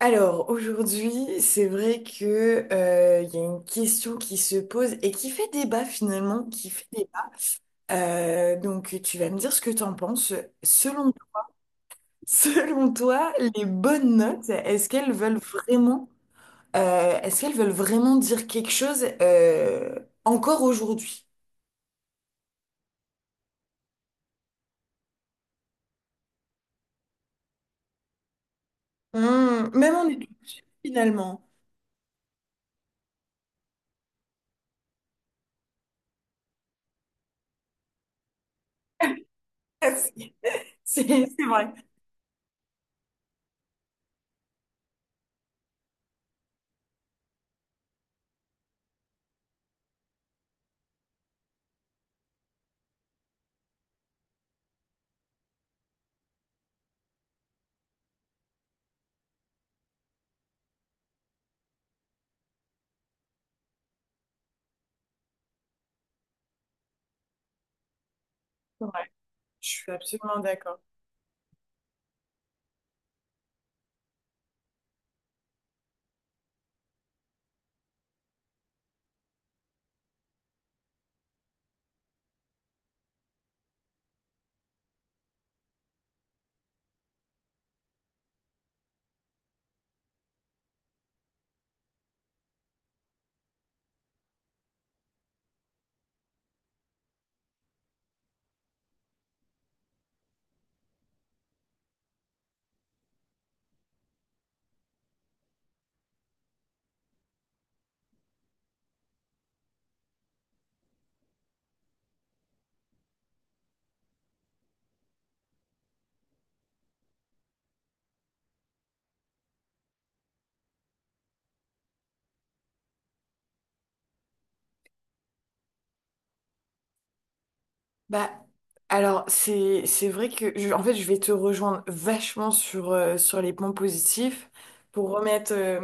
Alors, aujourd'hui, c'est vrai que, il y a une question qui se pose et qui fait débat finalement, qui fait débat. Donc, tu vas me dire ce que t'en penses. Selon, Selon toi, les bonnes notes, est-ce qu'elles veulent vraiment dire quelque chose, encore aujourd'hui? Hmm, même en études, finalement. C'est vrai. C'est vrai. Je suis absolument d'accord. Bah, alors, c'est vrai que, en fait, je vais te rejoindre vachement sur, sur les points positifs. Pour remettre,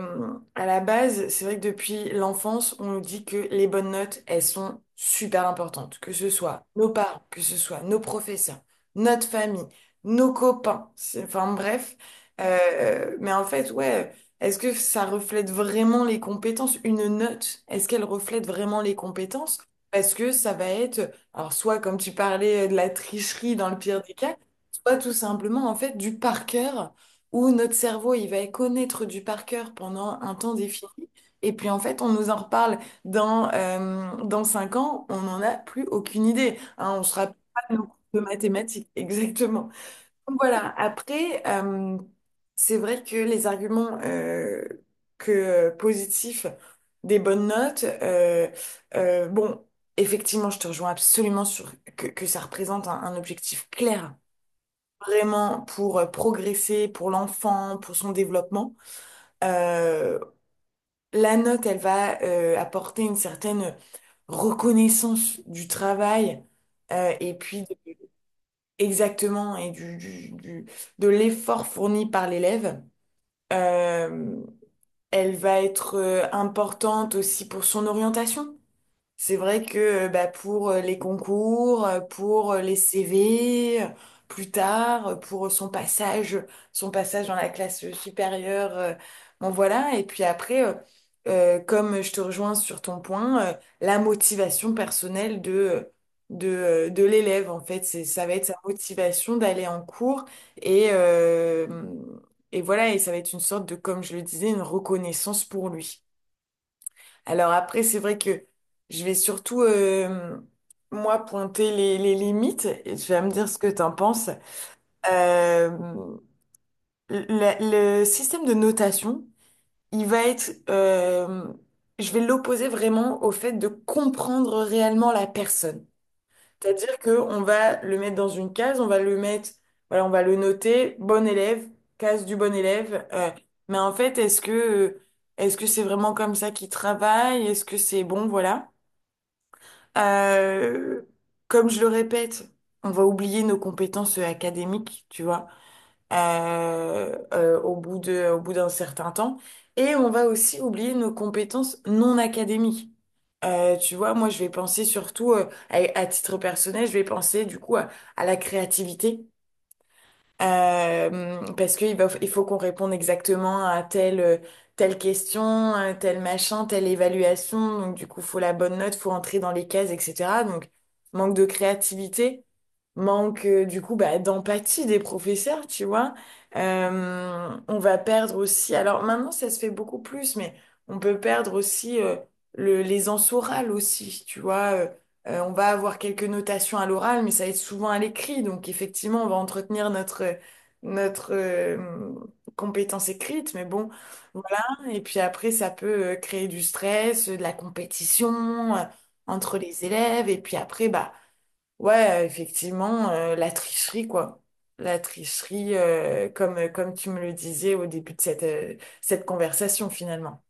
à la base, c'est vrai que depuis l'enfance, on nous dit que les bonnes notes, elles sont super importantes. Que ce soit nos parents, que ce soit nos professeurs, notre famille, nos copains. Enfin, bref. Mais en fait, ouais, est-ce que ça reflète vraiment les compétences? Une note, est-ce qu'elle reflète vraiment les compétences? Parce que ça va être alors, soit, comme tu parlais, de la tricherie dans le pire des cas, soit tout simplement, en fait, du par cœur, où notre cerveau, il va connaître du par cœur pendant un temps défini. Et puis, en fait, on nous en reparle dans 5 ans, on n'en a plus aucune idée. Hein, on ne se rappelle pas de nos cours de mathématiques, exactement. Voilà, après, c'est vrai que les arguments que positifs des bonnes notes, bon, effectivement, je te rejoins absolument sur que ça représente un objectif clair, vraiment pour progresser, pour l'enfant, pour son développement. Euh, la note, elle va apporter une certaine reconnaissance du travail euh, et puis de- exactement et de l'effort fourni par l'élève. Euh, Elle va être importante aussi pour son orientation. C'est vrai que bah, pour les concours, pour les CV, plus tard, pour son passage dans la classe supérieure, bon voilà. Et puis après, comme je te rejoins sur ton point, la motivation personnelle de l'élève, en fait, ça va être sa motivation d'aller en cours et, euh, et voilà, et ça va être une sorte de, comme je le disais, une reconnaissance pour lui. Alors après, c'est vrai que je vais surtout, moi, pointer les limites et tu vas me dire ce que t'en penses. Euh, le système de notation, il va être, je vais l'opposer vraiment au fait de comprendre réellement la personne. C'est-à-dire que on va le mettre dans une case, on va le mettre, voilà, on va le noter, bon élève, case du bon élève. Mais en fait, est-ce que c'est vraiment comme ça qu'il travaille? Est-ce que c'est bon, voilà. Euh, Comme je le répète, on va oublier nos compétences académiques, tu vois, au bout au bout d'un certain temps. Et on va aussi oublier nos compétences non académiques. Tu vois, moi, je vais penser surtout, à titre personnel, je vais penser du coup à la créativité. Parce qu'il va, il faut qu'on réponde exactement à telle question, à tel machin, telle évaluation. Donc, du coup, faut la bonne note, faut entrer dans les cases, etc. Donc, manque de créativité, du coup, bah, d'empathie des professeurs, tu vois. On va perdre aussi, alors maintenant, ça se fait beaucoup plus, mais on peut perdre aussi, les ans aussi, tu vois. On va avoir quelques notations à l'oral, mais ça va être souvent à l'écrit. Donc effectivement, on va entretenir notre, notre euh, compétence écrite, mais bon, voilà. Et puis après, ça peut créer du stress, de la compétition entre les élèves. Et puis après, bah ouais, effectivement, la tricherie, quoi. La tricherie, comme tu me le disais au début de cette conversation, finalement.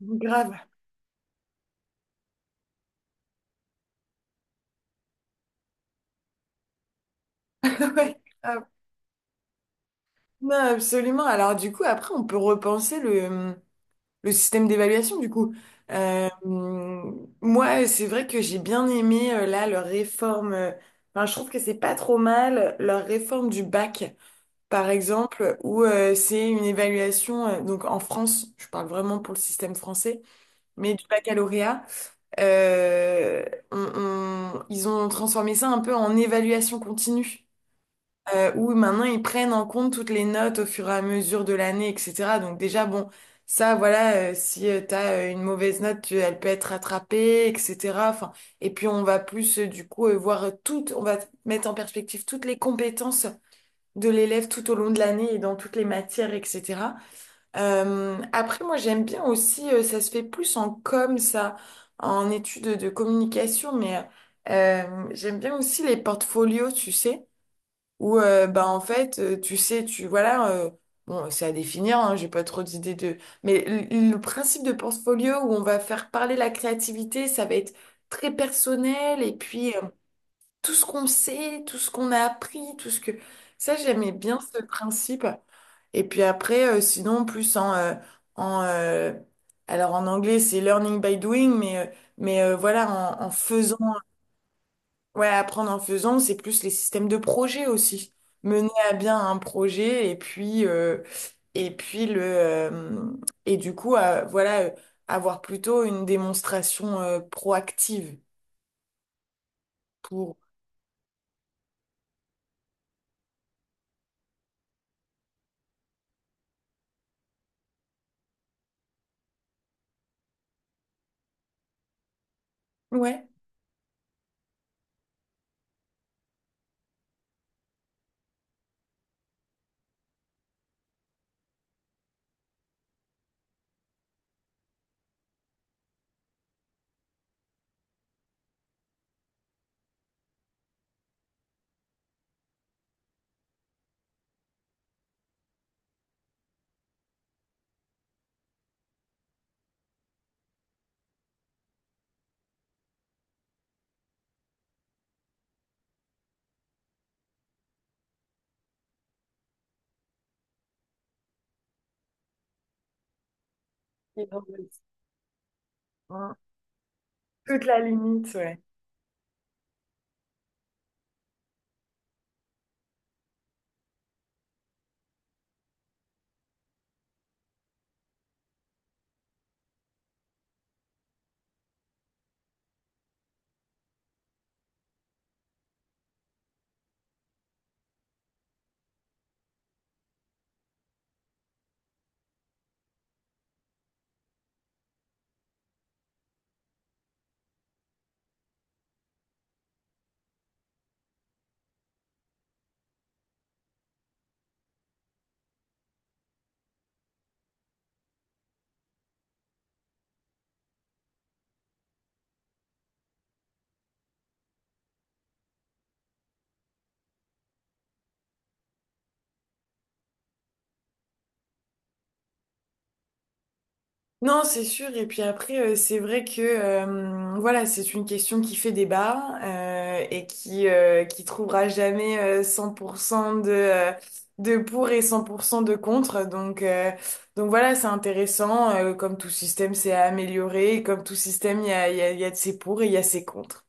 Mm. Grave. Ouais, grave. Non, absolument. Alors du coup, après, on peut repenser le système d'évaluation du coup. Euh, Moi, c'est vrai que j'ai bien aimé là leur réforme. Enfin, je trouve que c'est pas trop mal leur réforme du bac, par exemple, où c'est une évaluation. Donc en France, je parle vraiment pour le système français, mais du baccalauréat, euh, on- ils ont transformé ça un peu en évaluation continue où maintenant ils prennent en compte toutes les notes au fur et à mesure de l'année, etc. Donc déjà, bon, ça, voilà, si t'as une mauvaise note, elle peut être rattrapée, etc. Enfin, et puis on va plus, voir toutes, on va mettre en perspective toutes les compétences de l'élève tout au long de l'année et dans toutes les matières, etc. Après, moi, j'aime bien aussi, ça se fait plus en com, ça, en études de communication, mais... j'aime bien aussi les portfolios, tu sais où bah en fait tu sais tu voilà bon c'est à définir hein, j'ai pas trop d'idées de mais le principe de portfolio où on va faire parler la créativité ça va être très personnel et puis tout ce qu'on sait tout ce qu'on a appris tout ce que ça j'aimais bien ce principe et puis après sinon plus en en alors en anglais c'est learning by doing mais voilà en, en faisant. Ouais, apprendre en faisant, c'est plus les systèmes de projet aussi. Mener à bien un projet et puis le et du coup voilà avoir plutôt une démonstration proactive pour ouais. Et donc, euh, toute la limite ouais. Non, c'est sûr. Et puis après, c'est vrai que voilà, c'est une question qui fait débat et qui trouvera jamais 100% de de pour et 100% de contre. Donc voilà, c'est intéressant. Comme tout système, c'est à améliorer. Et comme tout système, il y a de ses pour et il y a ses contre.